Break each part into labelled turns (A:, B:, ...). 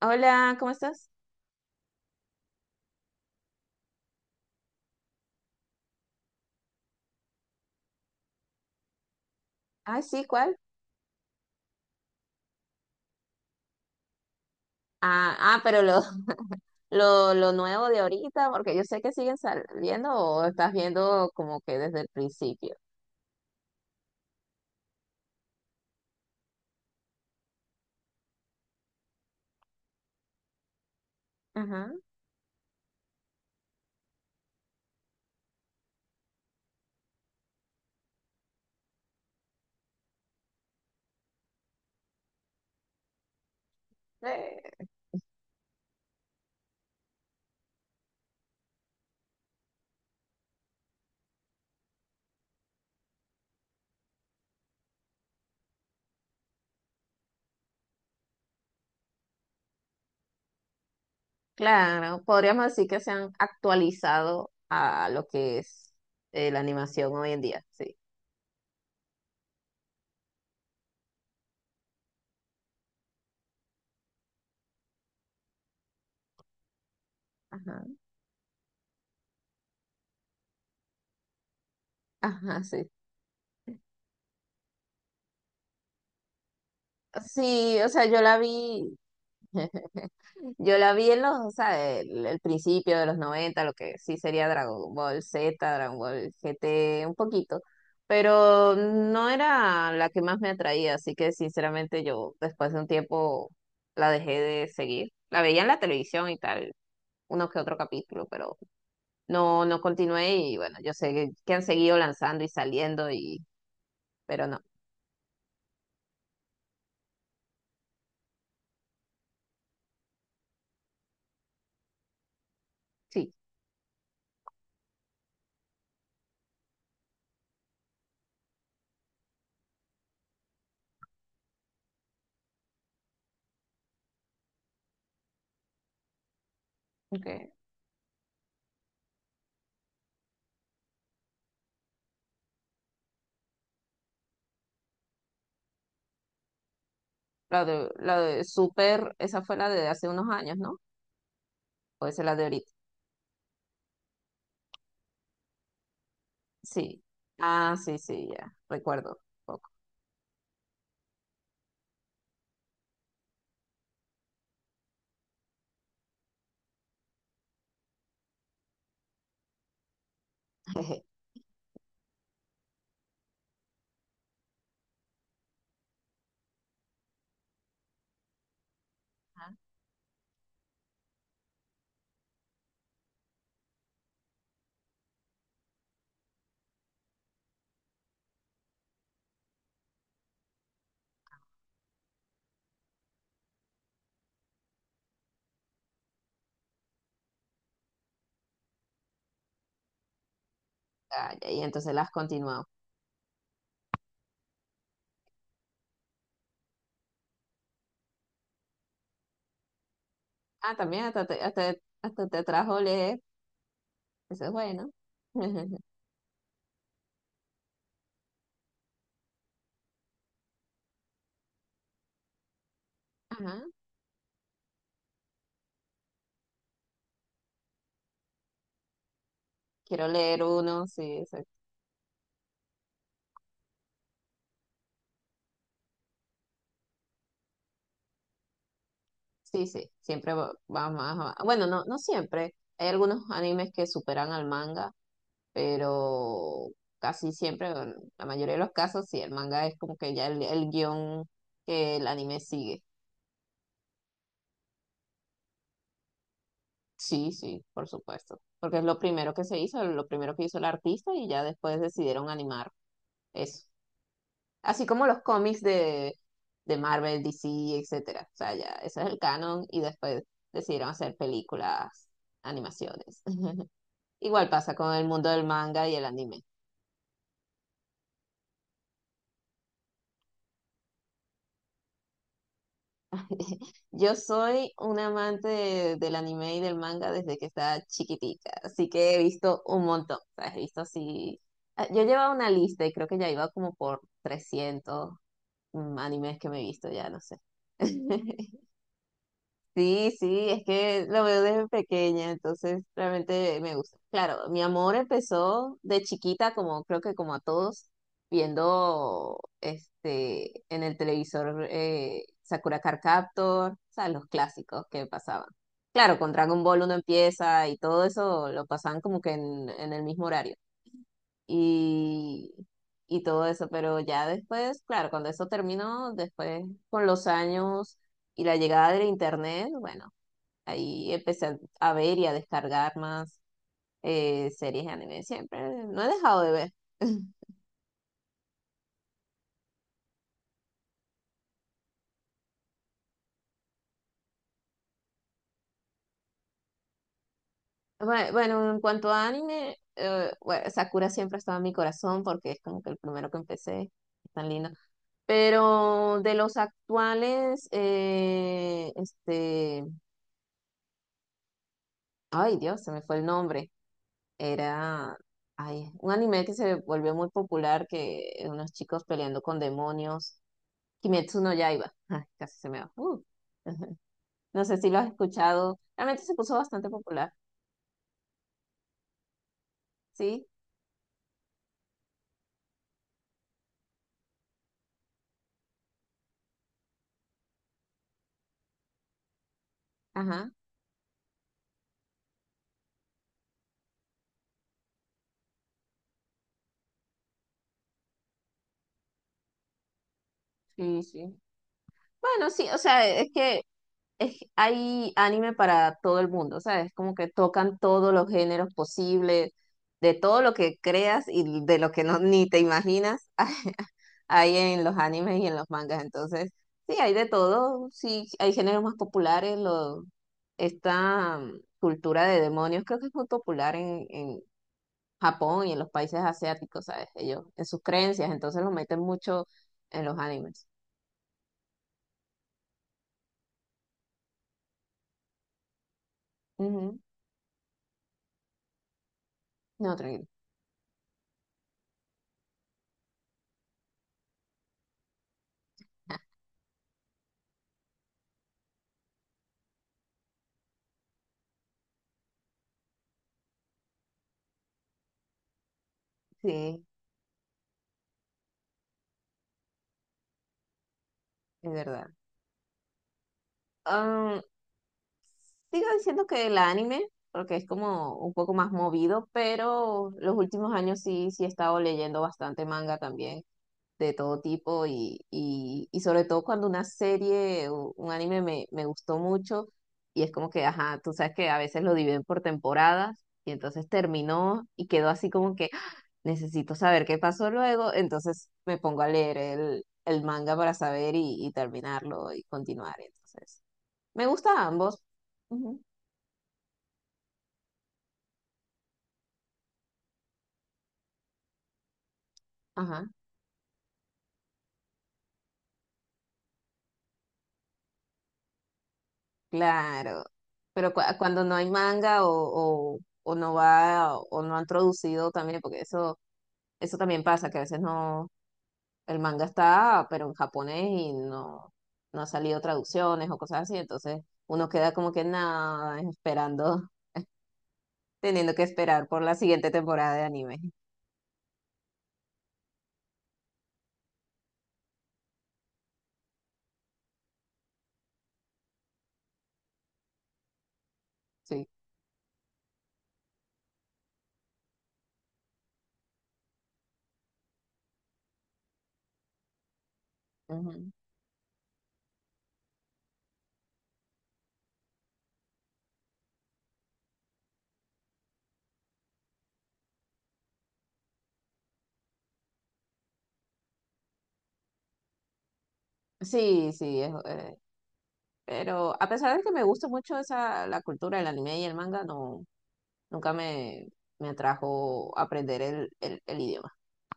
A: Hola, ¿cómo estás? Ah, sí, ¿cuál? Ah, ah, pero lo, lo nuevo de ahorita, porque yo sé que siguen saliendo o estás viendo como que desde el principio. Ajá. Eh, claro, podríamos decir que se han actualizado a lo que es la animación hoy en día, sí. Ajá. Ajá, sí. Sí, o sea, yo la vi. Yo la vi en los, o sea, el principio de los noventa, lo que sí sería Dragon Ball Z, Dragon Ball GT, un poquito, pero no era la que más me atraía, así que sinceramente yo después de un tiempo la dejé de seguir. La veía en la televisión y tal, uno que otro capítulo, pero no, no continué y bueno, yo sé que han seguido lanzando y saliendo y, pero no, sí, ok. La de Super, esa fue la de hace unos años, ¿no? O esa es la de sí. Ah, sí, sí, ya. Recuerdo un poco. Jeje. Ah, ya, y entonces las continuamos. Ah, también hasta te, hasta, hasta te trajo leer. Eso es bueno. Ajá. Quiero leer uno, sí, exacto. Sí, sí. Siempre va, va más. Bueno, no, no siempre. Hay algunos animes que superan al manga, pero casi siempre, en la mayoría de los casos, sí, el manga es como que ya el guión que el anime sigue. Sí, sí, por supuesto, porque es lo primero que se hizo, lo primero que hizo el artista y ya después decidieron animar eso. Así como los cómics de Marvel, DC, etcétera. O sea, ya, ese es el canon y después decidieron hacer películas, animaciones. Igual pasa con el mundo del manga y el anime. Yo soy un amante del anime y del manga desde que estaba chiquitica, así que he visto un montón, o sea, he visto así... ah, yo llevaba una lista y creo que ya iba como por 300, animes que me he visto, ya no sé. Sí, sí, es que lo veo desde pequeña, entonces realmente me gusta. Claro, mi amor empezó de chiquita, como creo que como a todos, viendo este en el televisor, Sakura Card Captor, o sea, los clásicos que pasaban. Claro, con Dragon Ball uno empieza y todo eso lo pasaban como que en el mismo horario. Y, y todo eso, pero ya después, claro, cuando eso terminó, después con los años y la llegada del internet, bueno, ahí empecé a ver y a descargar más series de anime. Siempre no he dejado de ver. Bueno, en cuanto a anime, bueno, Sakura siempre ha estado en mi corazón porque es como que el primero que empecé. Es tan lindo. Pero de los actuales, ay Dios, se me fue el nombre. Era, ay, un anime que se volvió muy popular, que unos chicos peleando con demonios. Kimetsu no Yaiba. Ay, casi se me va. No sé si lo has escuchado. Realmente se puso bastante popular, ¿sí? Ajá, sí, sí. Bueno, sí, o sea, hay anime para todo el mundo, ¿sabes? Como que tocan todos los géneros posibles, de todo lo que creas y de lo que no ni te imaginas, hay en los animes y en los mangas. Entonces, sí, hay de todo, sí, hay géneros más populares, lo esta cultura de demonios creo que es muy popular en Japón y en los países asiáticos, ¿sabes? Ellos, en sus creencias, entonces los meten mucho en los animes. Ujú. No, tranquilo. Ah, sí, es verdad. Ah, sigo diciendo que el anime, porque es como un poco más movido, pero los últimos años sí, sí he estado leyendo bastante manga también, de todo tipo y sobre todo cuando una serie o un anime me, me gustó mucho y es como que, ajá, tú sabes que a veces lo dividen por temporadas y entonces terminó y quedó así como que ¡ah! Necesito saber qué pasó luego, entonces me pongo a leer el manga para saber y terminarlo y continuar. Entonces, me gusta ambos. Ujú. Ajá, claro. Pero cuando no hay manga o no va o no han traducido también, porque eso eso también pasa, que a veces no, el manga está, pero en japonés y no, no ha salido traducciones o cosas así, entonces uno queda como que nada, esperando, teniendo que esperar por la siguiente temporada de anime. Sí. Ujú. Sí, sí, pero a pesar de que me gusta mucho esa, la cultura del anime y el manga, no, nunca me, me atrajo aprender el idioma.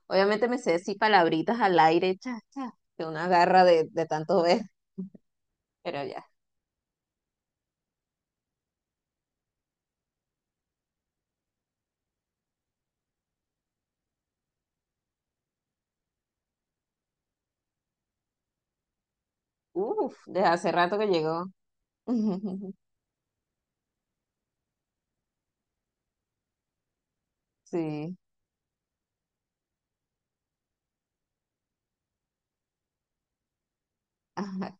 A: Obviamente me sé sí palabritas al aire, cha, cha, que una garra de tanto ver, pero ya. Uf, desde hace rato que llegó. Sí, ajá,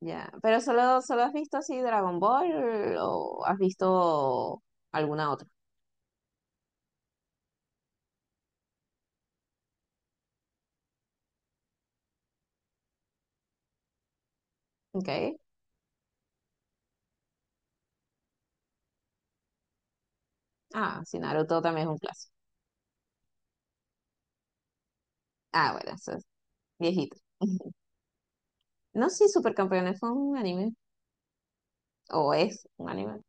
A: ya. Pero solo, solo has visto así Dragon Ball o has visto alguna otra. Ok. Ah, sí, Naruto también es un clásico. Ah, bueno, eso es viejito. No, sí, Supercampeones fue un anime. O es un anime.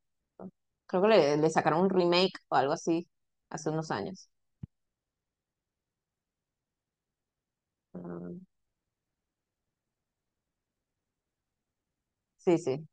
A: Creo que le sacaron un remake o algo así hace unos años. Ah, sí, sí.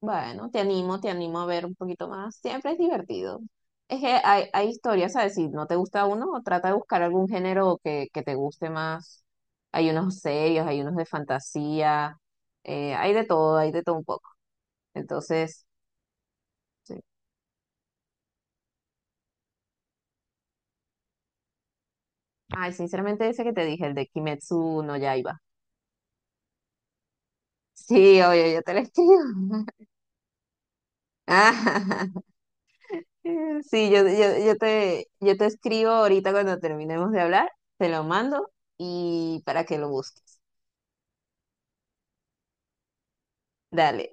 A: Bueno, te animo a ver un poquito más. Siempre es divertido. Es que hay historias, ¿sabes? Si no te gusta uno, trata de buscar algún género que te guste más. Hay unos serios, hay unos de fantasía, hay de todo un poco. Entonces, sí. Ay, sinceramente ese que te dije, el de Kimetsu no Yaiba. Sí, oye, yo te lo escribo. Ah, sí, yo, yo te escribo ahorita cuando terminemos de hablar, te lo mando y para que lo busques. Dale.